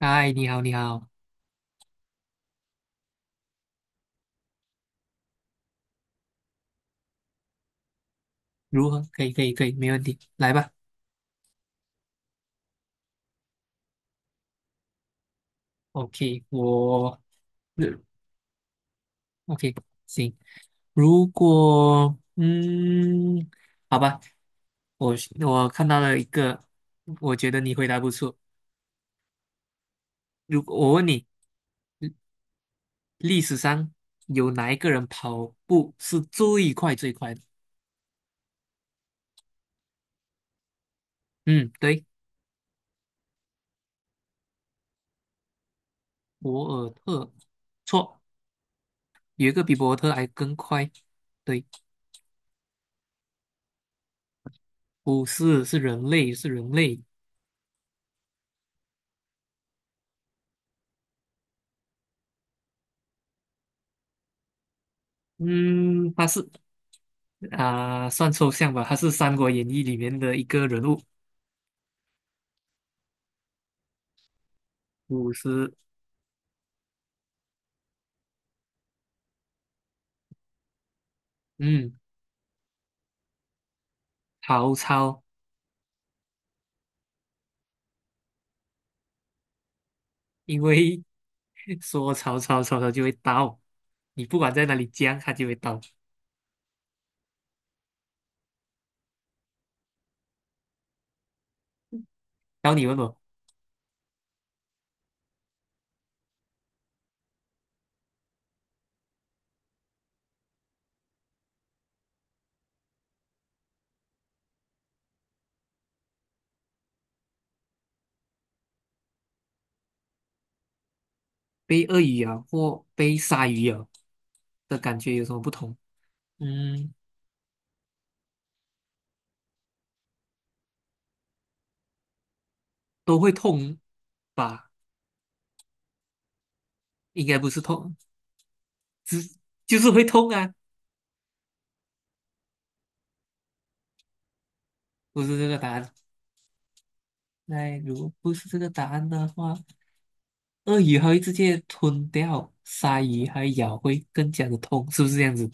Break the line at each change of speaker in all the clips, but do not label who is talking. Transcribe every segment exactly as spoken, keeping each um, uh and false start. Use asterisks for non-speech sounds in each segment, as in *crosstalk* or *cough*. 嗨，你好，你好，如何？可以，可以，可以，没问题，来吧。OK，我日 OK，行。如果嗯，好吧，我我看到了一个，我觉得你回答不错。如果我问你，历史上有哪一个人跑步是最快最快的？嗯，对，博尔特，错，有一个比博尔特还更快。对，不是，是人类，是人类。嗯，他是。啊、算抽象吧，他是《三国演义》里面的一个人物，五十，嗯，曹操，因为 *laughs* 说曹操，曹操就会到，你不管在哪里讲，他就会到。然后你问我被鳄鱼咬或被鲨鱼咬的感觉有什么不同？嗯，都会痛吧？应该不是痛，只就是会痛啊，不是这个答案。那如果不是这个答案的话。鳄鱼还会直接吞掉鲨鱼，还咬会更加的痛，是不是这样子？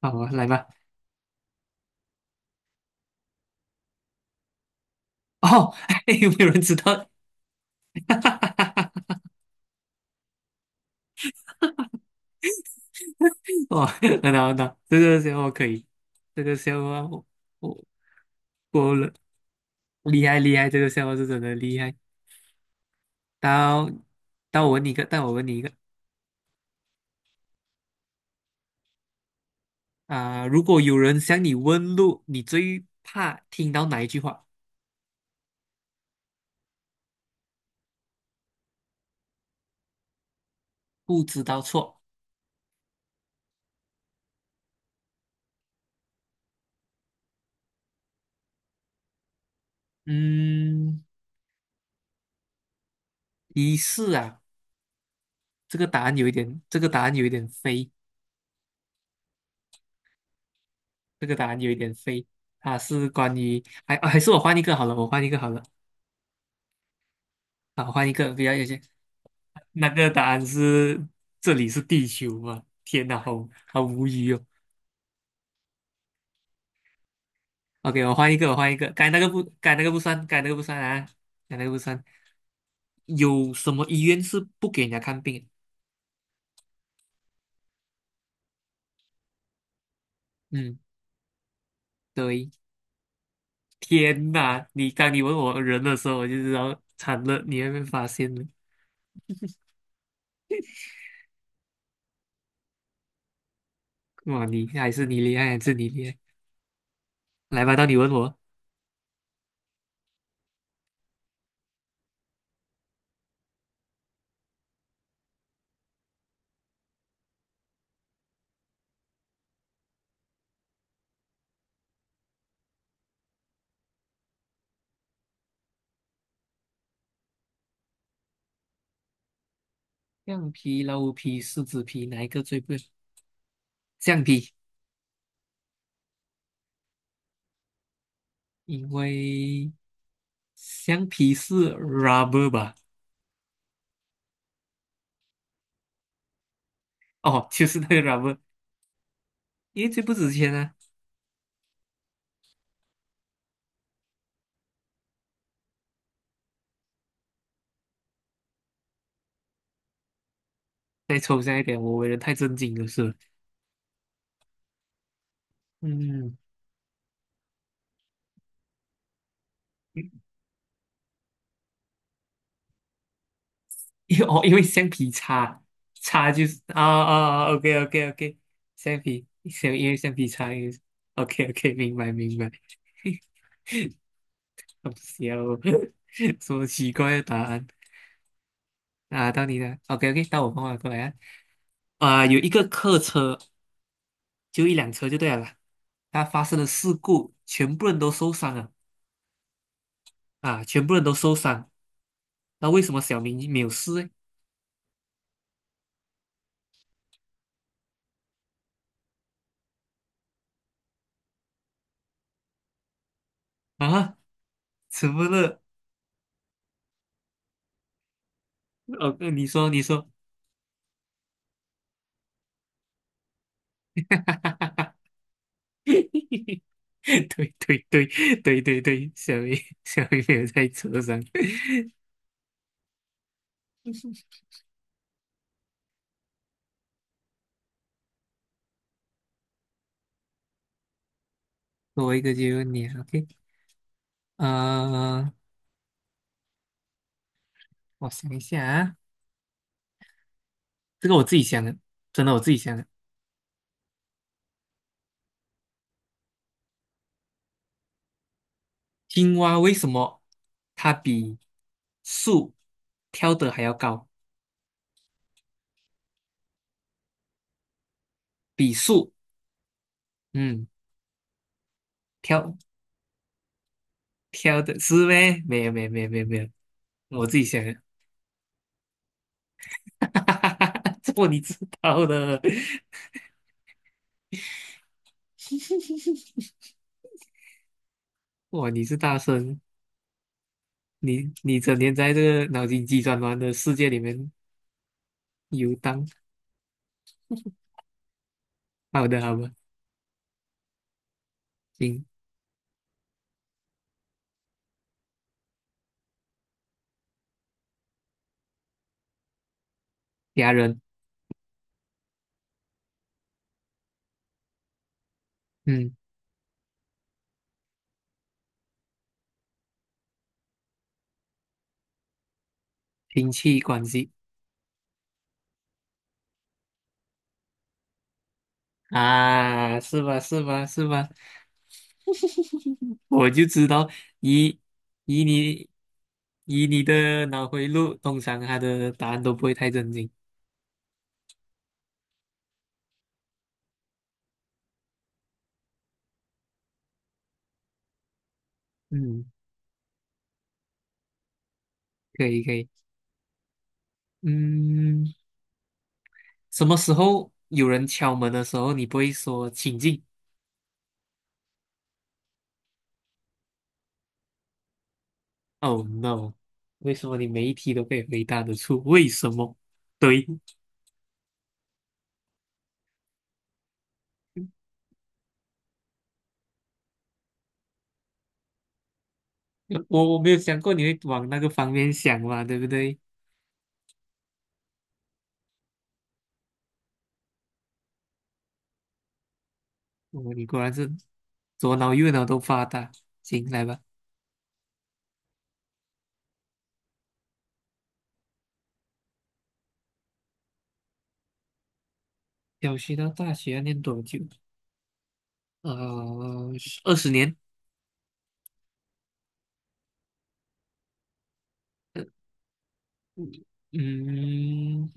好，啊，来吧。哦，*laughs* 有没有人知道？*laughs* 哦，很好很好，这个笑话可以，这个笑话我我过了，厉害厉害，这个笑话是真的厉害。到到我问你一个，到我问你一个啊、如果有人向你问路，你最怕听到哪一句话？不知道错。嗯，提示啊，这个答案有一点，这个答案有一点飞。这个答案有一点废。它是关于，还、啊还是我换一个好了，我换一个好了，啊，我换一个比较有些。那个答案是这里是地球嘛？天哪，好好无语哦。OK,我换一个，我换一个。该那个不，该那个不算，该那个不算啊，该那个不算。有什么医院是不给人家看病？嗯，对。天哪，你当你问我人的时候，我就知道惨了，你还被发现了。哇，你还是你厉害，还是你厉害。来吧，到你问我。橡皮、老虎皮、狮子皮，哪一个最贵？橡皮，因为橡皮是 rubber 吧？哦，*laughs* 就是那个 rubber,因为最不值钱啊。再抽象一点，我为人太正经了是吧。嗯，因为 *laughs* 哦，因为橡皮擦擦就是啊啊啊，OK OK OK,橡皮，橡因为橡皮擦因为，OK OK,明白明白。*laughs* 好笑哦，*laughs* 什么奇怪的答案啊？到你了，OK OK,到我帮我过来啊。啊、有一个客车就一辆车就对了啦。它发生了事故，全部人都受伤了啊，全部人都受伤。那为什么小明没有事呢？啊，怎么了？哦呃，你说，你说，*laughs* 对对对对对对，小明 *laughs* 小明没有在车上。多一个就有你了，OK,呃，我想一下啊，这个我自己想的，真的我自己想的。青蛙为什么它比树跳得还要高？比树，嗯。挑挑的是呗？没有没有没有没有没有，我自己想的，*laughs* 这么你知道的，哇，你是大神，你你整天在这个脑筋急转弯的世界里面游荡。好的好的，行，家人，嗯，亲戚关系啊，是吧是吧是吧？我就知道以以你以你的脑回路，通常他的答案都不会太正惊。嗯，可以可以，嗯。什么时候有人敲门的时候，你不会说"请进 ”？"?Oh no!为什么你每一题都可以回答得出？为什么？对，*laughs* 我我没有想过你会往那个方面想嘛，对不对？哦，你果然是左脑右脑都发达。行，来吧。小学到大学要念多久？呃，二十年。嗯嗯，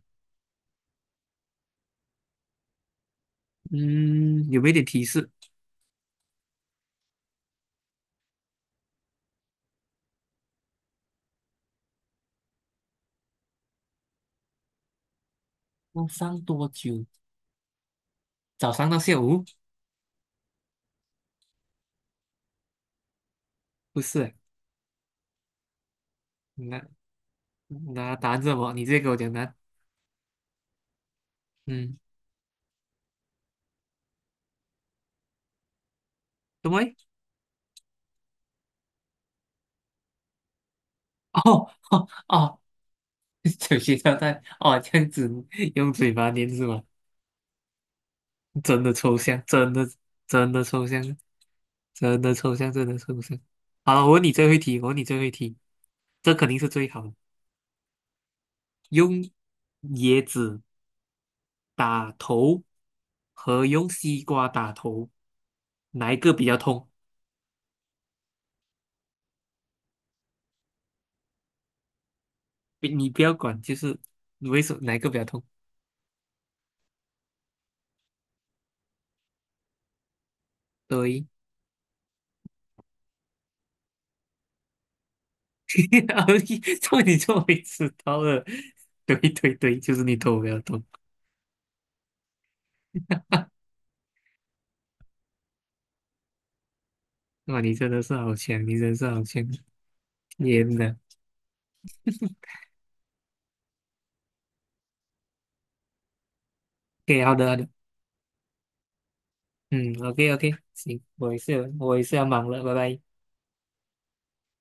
嗯有没有点提示？要上多久？早上到下午？不是，那那答案是什么？你直接给我讲答案。嗯，什么 *laughs* 哦哦哦，*laughs* 酒精胶代哦，这样子用嘴巴念是吗？真的抽象，真的真的抽象，真的抽象，真的抽象。好了，我问你最后一题，我问你最后一题，这肯定是最好的。用椰子打头和用西瓜打头，哪一个比较痛？你不要管，就是为什么哪一个比较痛？对。*laughs* 做你做没迟到了，对对对，*laughs* 就是你头不要动。哇，你真的是好强，你真的是好强！天呐 o k 好的好的，嗯，OK OK,行，我也是有我也是要忙了，拜拜。